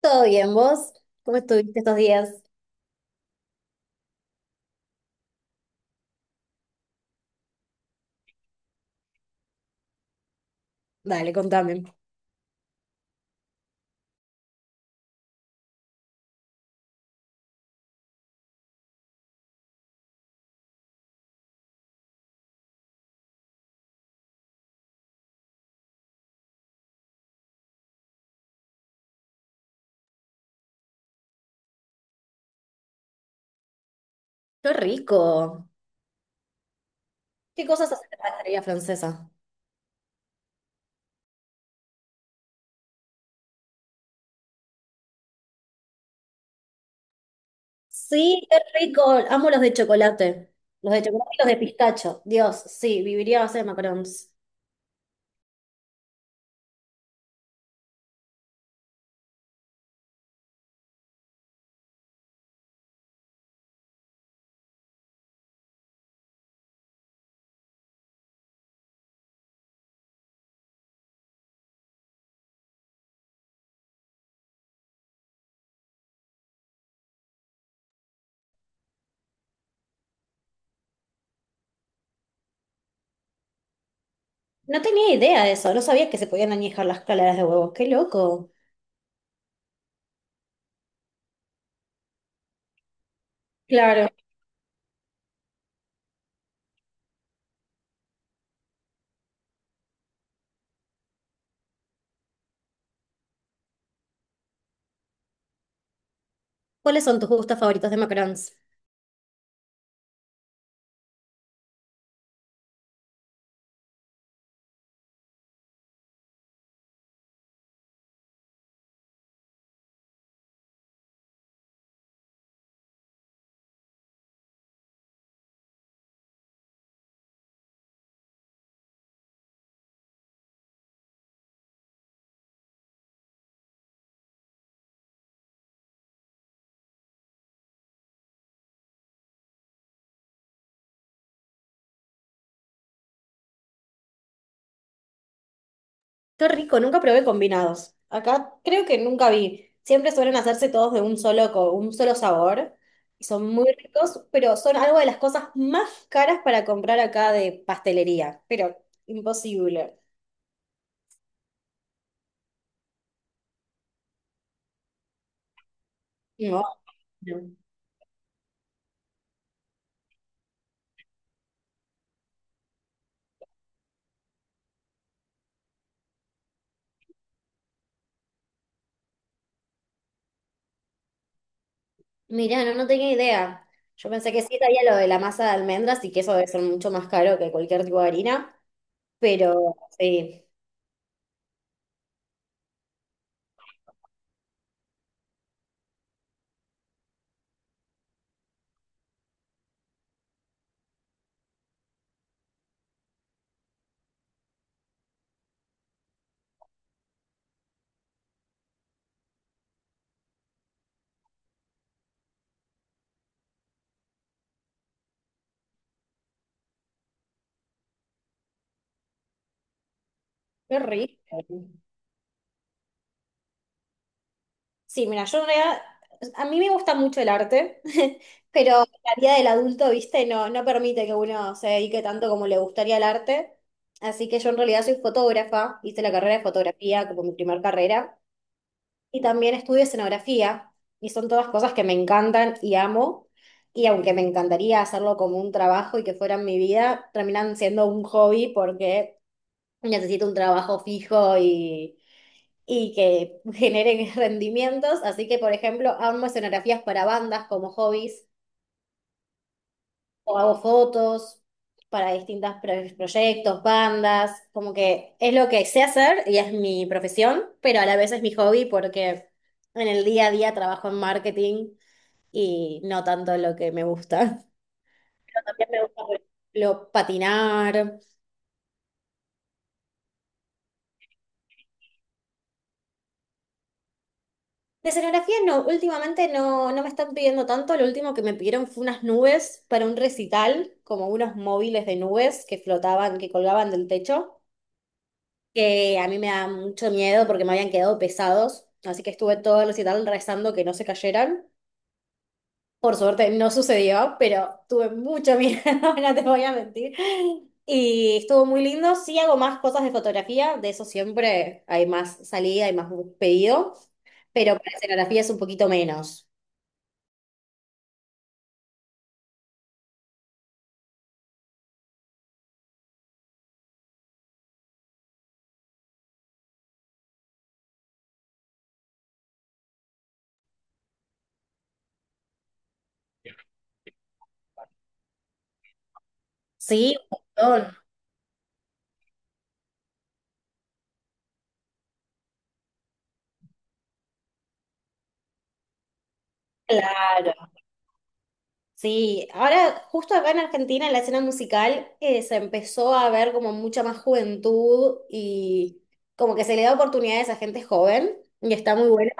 ¿Todo bien, vos? ¿Cómo estuviste estos días? Dale, contame. ¡Qué rico! ¿Qué cosas haces en la pastelería francesa? Sí, qué rico. Amo los de chocolate. Los de chocolate y los de pistacho. Dios, sí, viviría a base de macarons. No tenía idea de eso. No sabía que se podían añejar las claras de huevo. ¡Qué loco! Claro. ¿Cuáles son tus gustos favoritos de macarons? Qué rico, nunca probé combinados. Acá creo que nunca vi. Siempre suelen hacerse todos de un solo, un solo sabor. Y son muy ricos, pero son algo de las cosas más caras para comprar acá de pastelería. Pero imposible. No, no. Mirá, no, no tenía idea. Yo pensé que sí sabía lo de la masa de almendras y que eso debe ser mucho más caro que cualquier tipo de harina. Pero sí, qué rico. Sí, mira, yo en realidad, a mí me gusta mucho el arte, pero la vida del adulto, viste, no, no permite que uno se dedique tanto como le gustaría el arte. Así que yo en realidad soy fotógrafa, hice la carrera de fotografía como mi primer carrera, y también estudio escenografía, y son todas cosas que me encantan y amo, y aunque me encantaría hacerlo como un trabajo y que fueran mi vida, terminan siendo un hobby porque necesito un trabajo fijo y que generen rendimientos. Así que, por ejemplo, armo escenografías para bandas como hobbies o hago fotos para distintos proyectos, bandas, como que es lo que sé hacer y es mi profesión, pero a la vez es mi hobby porque en el día a día trabajo en marketing y no tanto lo que me gusta. Pero también me gusta, por ejemplo, patinar. De escenografía no, últimamente no, no me están pidiendo tanto, lo último que me pidieron fue unas nubes para un recital, como unos móviles de nubes que flotaban, que colgaban del techo, que a mí me da mucho miedo porque me habían quedado pesados, así que estuve todo el recital rezando que no se cayeran. Por suerte no sucedió, pero tuve mucho miedo, no te voy a mentir. Y estuvo muy lindo, sí hago más cosas de fotografía, de eso siempre hay más salida, hay más pedido, pero para escenografía es un poquito menos. Sí, un montón. Claro, sí. Ahora, justo acá en Argentina, en la escena musical, se empezó a ver como mucha más juventud y como que se le da oportunidades a gente joven y está muy bueno.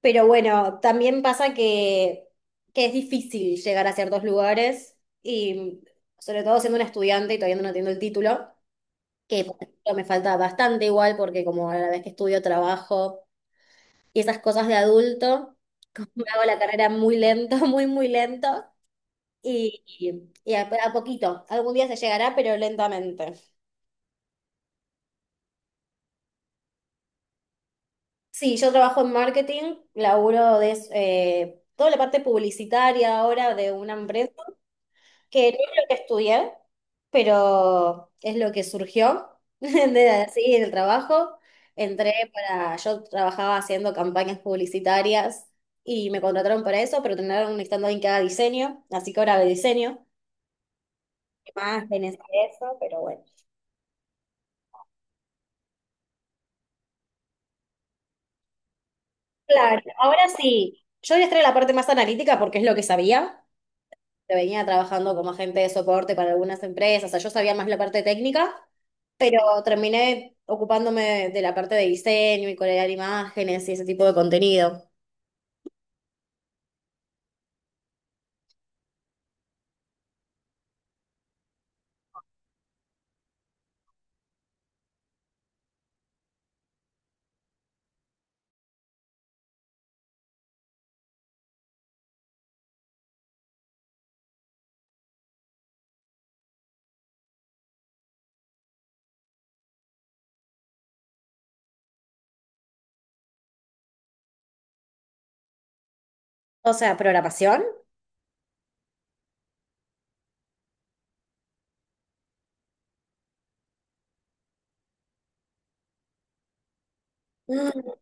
Pero bueno, también pasa que es difícil llegar a ciertos lugares y sobre todo siendo una estudiante y todavía no tengo el título, que por ejemplo, me falta bastante igual porque como a la vez que estudio trabajo, y esas cosas de adulto, como me hago la carrera muy lento, muy, muy lento, y a poquito, algún día se llegará, pero lentamente. Sí, yo trabajo en marketing, laburo de toda la parte publicitaria ahora de una empresa, que no es lo que estudié, pero es lo que surgió de así el trabajo. Entré para, yo trabajaba haciendo campañas publicitarias y me contrataron para eso, pero terminaron necesitando a alguien que haga diseño, así que ahora hago diseño. Más Venezuela, eso, pero bueno. Claro, ahora sí, yo voy a estar en la parte más analítica porque es lo que sabía. Te venía trabajando como agente de soporte para algunas empresas, o sea, yo sabía más la parte técnica, pero terminé ocupándome de la parte de diseño y crear imágenes y ese tipo de contenido. O sea, programación. mm,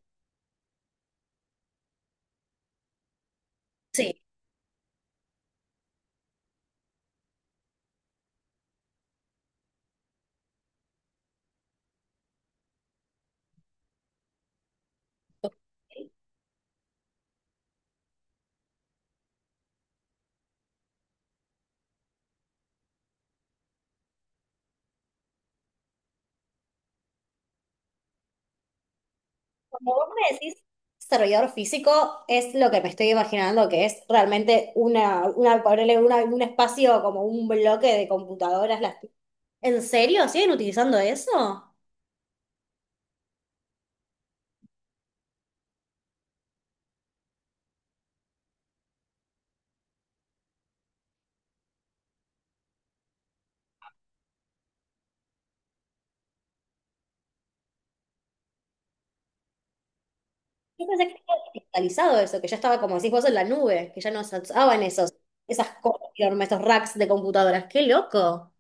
Sí. Como vos me decís, desarrollador físico es lo que me estoy imaginando que es realmente una, ponerle un espacio como un bloque de computadoras, las. ¿En serio? ¿Siguen utilizando eso? Yo pensé que estaba digitalizado eso, que ya estaba, como decís vos, en la nube, que ya no se usaban esos, esas cosas, enormes, esos racks de computadoras. ¡Qué loco!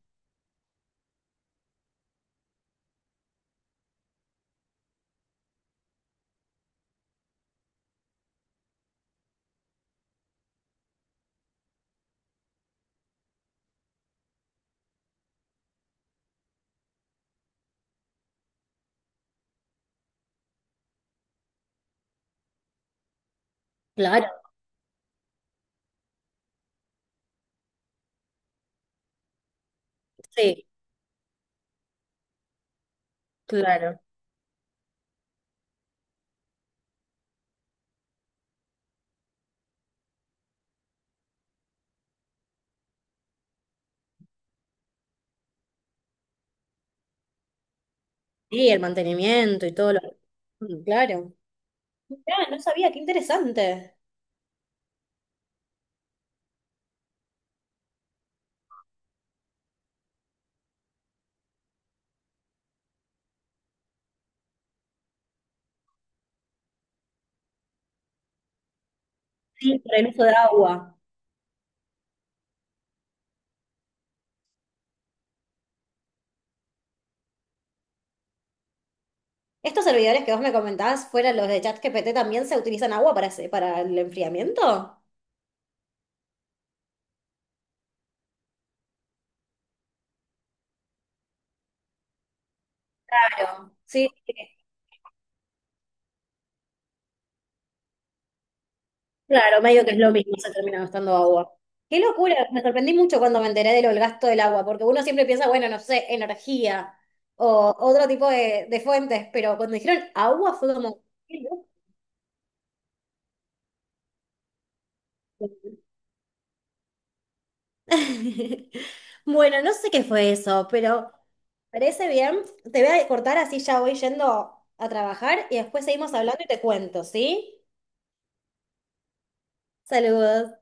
Claro, sí, claro. Sí, el mantenimiento y todo lo… Mm, claro. Mirá, no sabía, qué interesante. Sí, por el uso de agua. ¿Estos servidores que vos me comentabas, fueran los de ChatGPT, también se utilizan agua para, para el enfriamiento? Claro. Sí. Claro, medio que es lo mismo, se termina gastando agua. Qué locura, me sorprendí mucho cuando me enteré de lo del gasto del agua, porque uno siempre piensa, bueno, no sé, energía o otro tipo de fuentes, pero cuando dijeron agua fue como… qué loco. Bueno, no sé qué fue eso, pero parece bien. Te voy a cortar así ya voy yendo a trabajar y después seguimos hablando y te cuento, ¿sí? Saludos.